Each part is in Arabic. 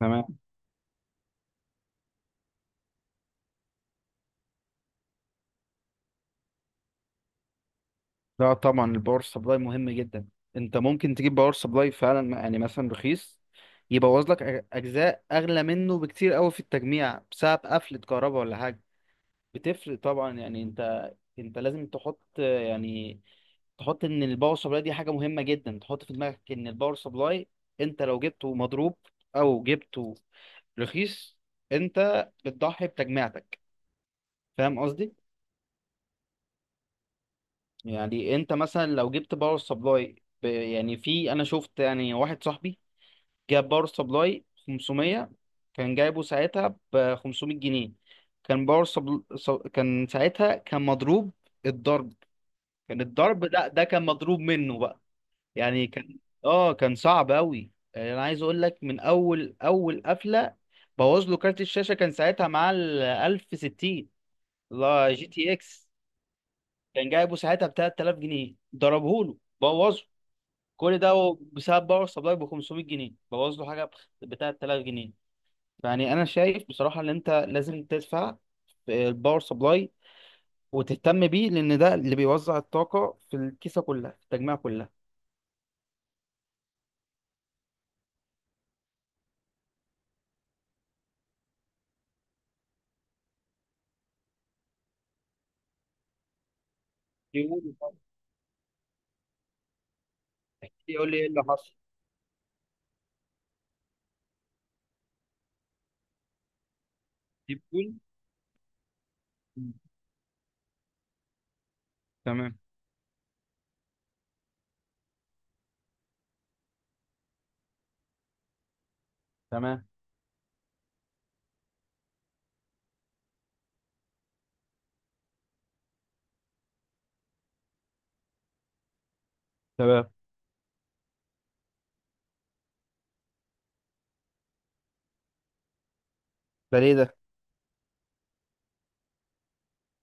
تمام. لا طبعا الباور سبلاي مهم جدا. انت ممكن تجيب باور سبلاي فعلا، يعني مثلا رخيص، يبوظ لك اجزاء اغلى منه بكتير قوي في التجميع بسبب قفلة كهرباء ولا حاجة. بتفرق طبعا. يعني انت لازم تحط، يعني تحط ان الباور سبلاي دي حاجة مهمة جدا. تحط في دماغك ان الباور سبلاي انت لو جبته مضروب او جبته رخيص، انت بتضحي بتجميعتك. فاهم قصدي؟ يعني انت مثلا لو جبت باور سبلاي، يعني في، انا شفت يعني واحد صاحبي جاب باور سبلاي 500. كان جايبه ساعتها ب 500 جنيه. كان باور كان ساعتها كان مضروب الضرب. كان الضرب، لا ده كان مضروب منه بقى. يعني كان، اه كان صعب قوي. يعني انا عايز اقول لك من اول قفله بوظ له كارت الشاشه. كان ساعتها معاه ال 1060، لا جي تي اكس، كان جايبه ساعتها ب 3000 جنيه. ضربه له، بوظه. كل ده هو بسبب باور سبلاي ب 500 جنيه بوظ له حاجه بتاع 3000 جنيه. يعني انا شايف بصراحه ان انت لازم تدفع في الباور سبلاي وتهتم بيه، لان ده اللي بيوزع الطاقه في الكيسه كلها، في التجميع كلها. يقول يقول لي ايه اللي حصل. يقول. تمام. تمام. تمام. ده ليه ده؟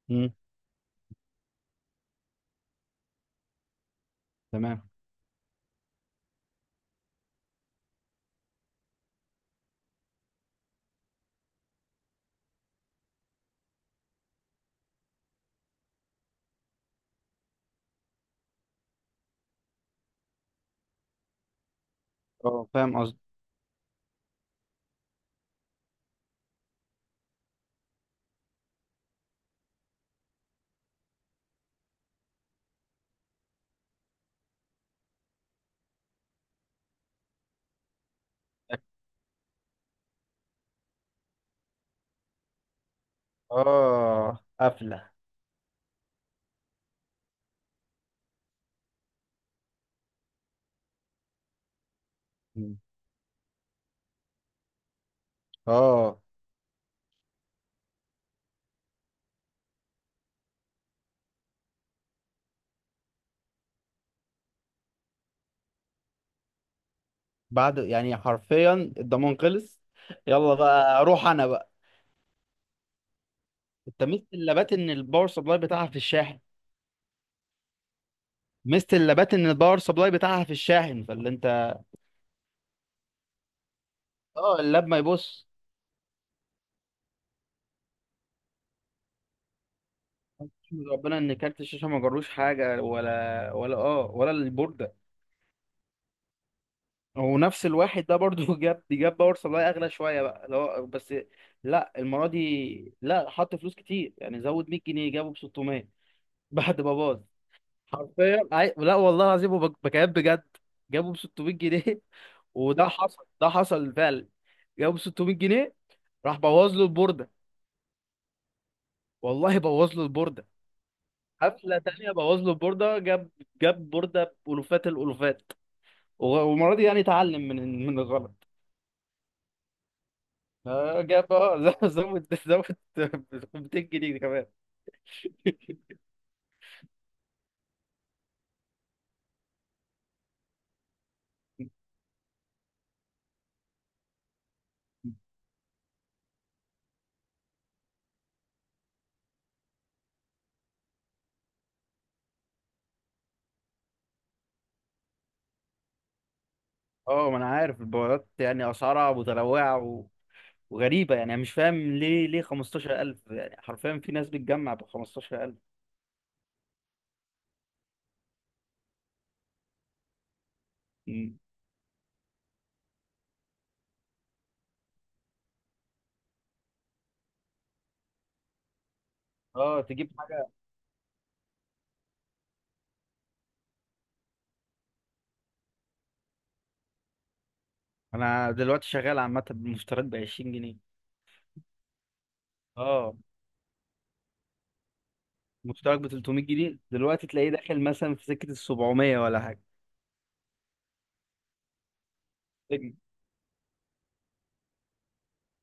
مم. تمام. اه فاهم قصدك. اه قفله. مم. اه. بعد يعني حرفيا الضمان خلص. يلا بقى اروح انا بقى. انت ميزه اللابات ان الباور سبلاي بتاعها في الشاحن. ميزه اللابات ان الباور سبلاي بتاعها في الشاحن، فاللي انت، اه اللاب ما يبص. احمد ربنا ان كارت الشاشه ما جروش حاجه، ولا اه ولا البورده. ونفس الواحد ده برضو جاب باور سبلاي اغلى شويه بقى، اللي هو بس، لا المره دي لا، حط فلوس كتير، يعني زود 100 جنيه، جابه ب 600 بعد ما باظ. حرفيا لا والله العظيم، بكلام بجد، جابه ب 600 جنيه وده حصل، ده حصل فعلا، جابه ب 600 جنيه. راح بوظ له البورده. والله بوظ له البورده. حفله تانية بوظ له البورده. جاب. جاب بورده بألوفات الألوفات. و- والمره دي يعني اتعلم من الغلط. آه، جاب اه زود 200 جنيه كمان. اه، ما انا عارف البوابات، يعني اسعارها متنوعه و- وغريبه. يعني انا مش فاهم ليه 15000؟ يعني حرفيا في ناس بتجمع ب 15000. م. اه تجيب حاجه. انا دلوقتي شغال عامه بمشتريات ب 20 جنيه. اه مشترك ب 300 جنيه دلوقتي تلاقيه داخل مثلا في سكة ال 700 ولا حاجة.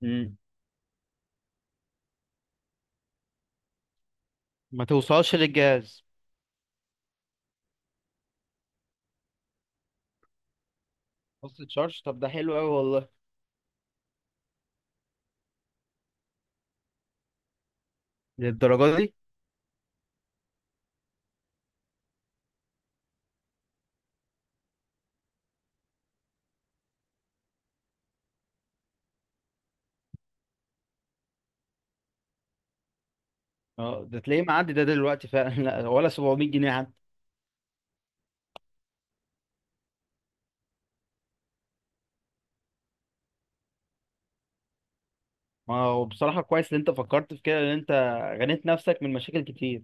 امم ما توصلش للجهاز. فصل تشارج؟ طب ده حلو قوي والله. للدرجة دي! اه ده تلاقيه معدي ده دلوقتي فعلا لا ولا 700 جنيه حتى. ما هو بصراحة كويس ان انت فكرت في كده، ان انت غنيت نفسك من مشاكل كتير.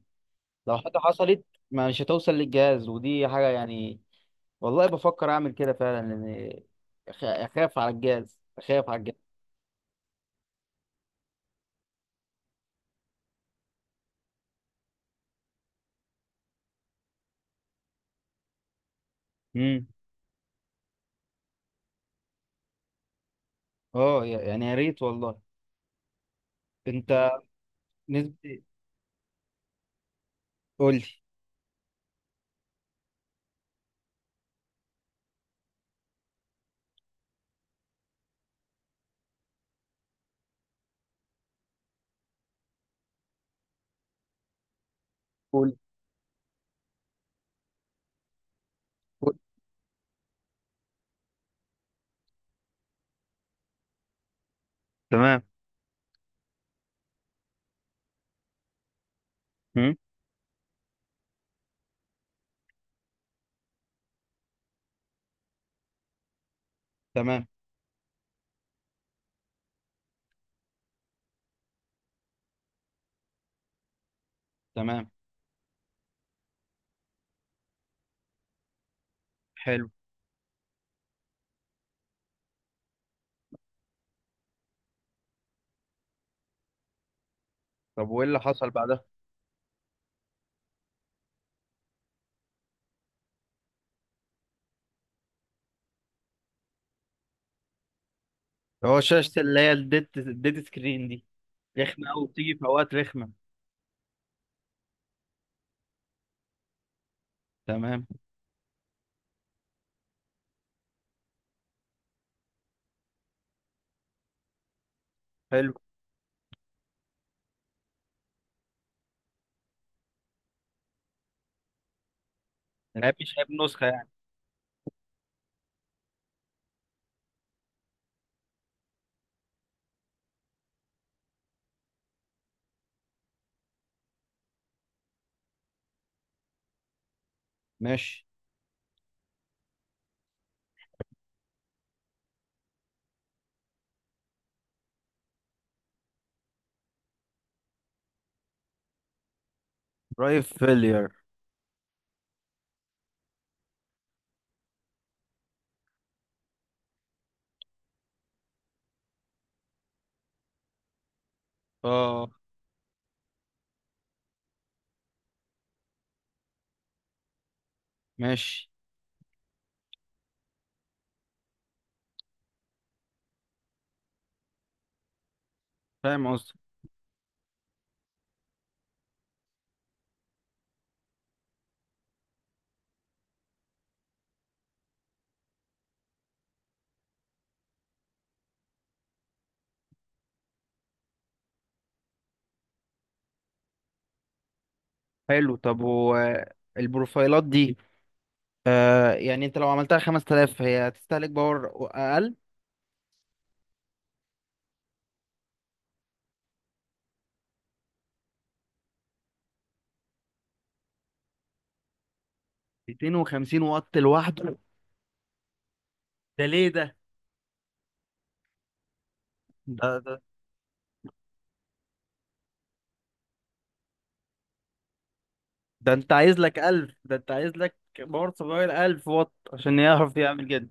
لو حاجة حصلت مش هتوصل للجهاز، ودي حاجة يعني. والله بفكر اعمل كده فعلا، لان اخاف على الجهاز. اخاف على الجهاز. امم اه يعني يا ريت والله. انت. نسبة. قول لي. قول. قول. تمام. مم. تمام. تمام. حلو. طب وايه اللي حصل بعدها؟ هو شاشة اللي هي الديت سكرين دي، رخمة قوي، بتيجي في اوقات رخمة. تمام. حلو. العيب مش عيب نسخة يعني؟ ماشي. درايف فيلير؟ اه. ماشي. فاهم قصدي. حلو. طب هو البروفايلات دي، آه يعني انت لو عملتها 5000 هي هتستهلك باور اقل؟ 250 واط لوحده؟ ده ليه ده؟ ده ده انت عايز لك ألف، ده انت عايز لك باور سبلاي 1000 واط عشان يعرف يعمل كده.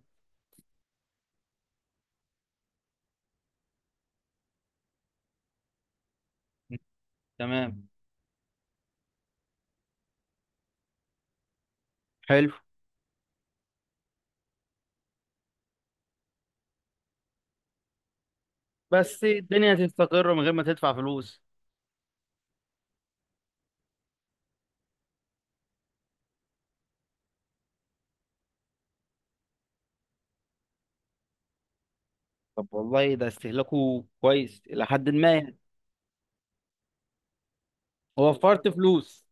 تمام. حلو. بس الدنيا هتستقر من غير ما تدفع فلوس. طب والله ده استهلاكه كويس إلى حد ما، يعني. وفرت فلوس.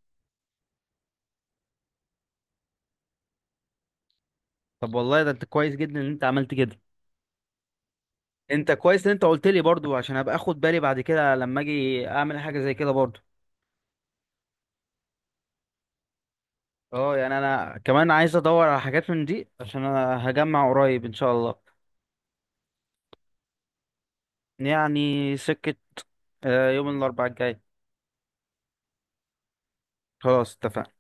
طب والله ده انت كويس جدا ان انت عملت كده. انت كويس ان انت قلت لي برضو، عشان ابقى اخد بالي بعد كده لما اجي اعمل حاجة زي كده برضو. اه يعني انا كمان عايز ادور على حاجات من دي عشان انا هجمع قريب ان شاء الله. يعني سكة، آه، يوم الاربعاء الجاي. خلاص اتفقنا.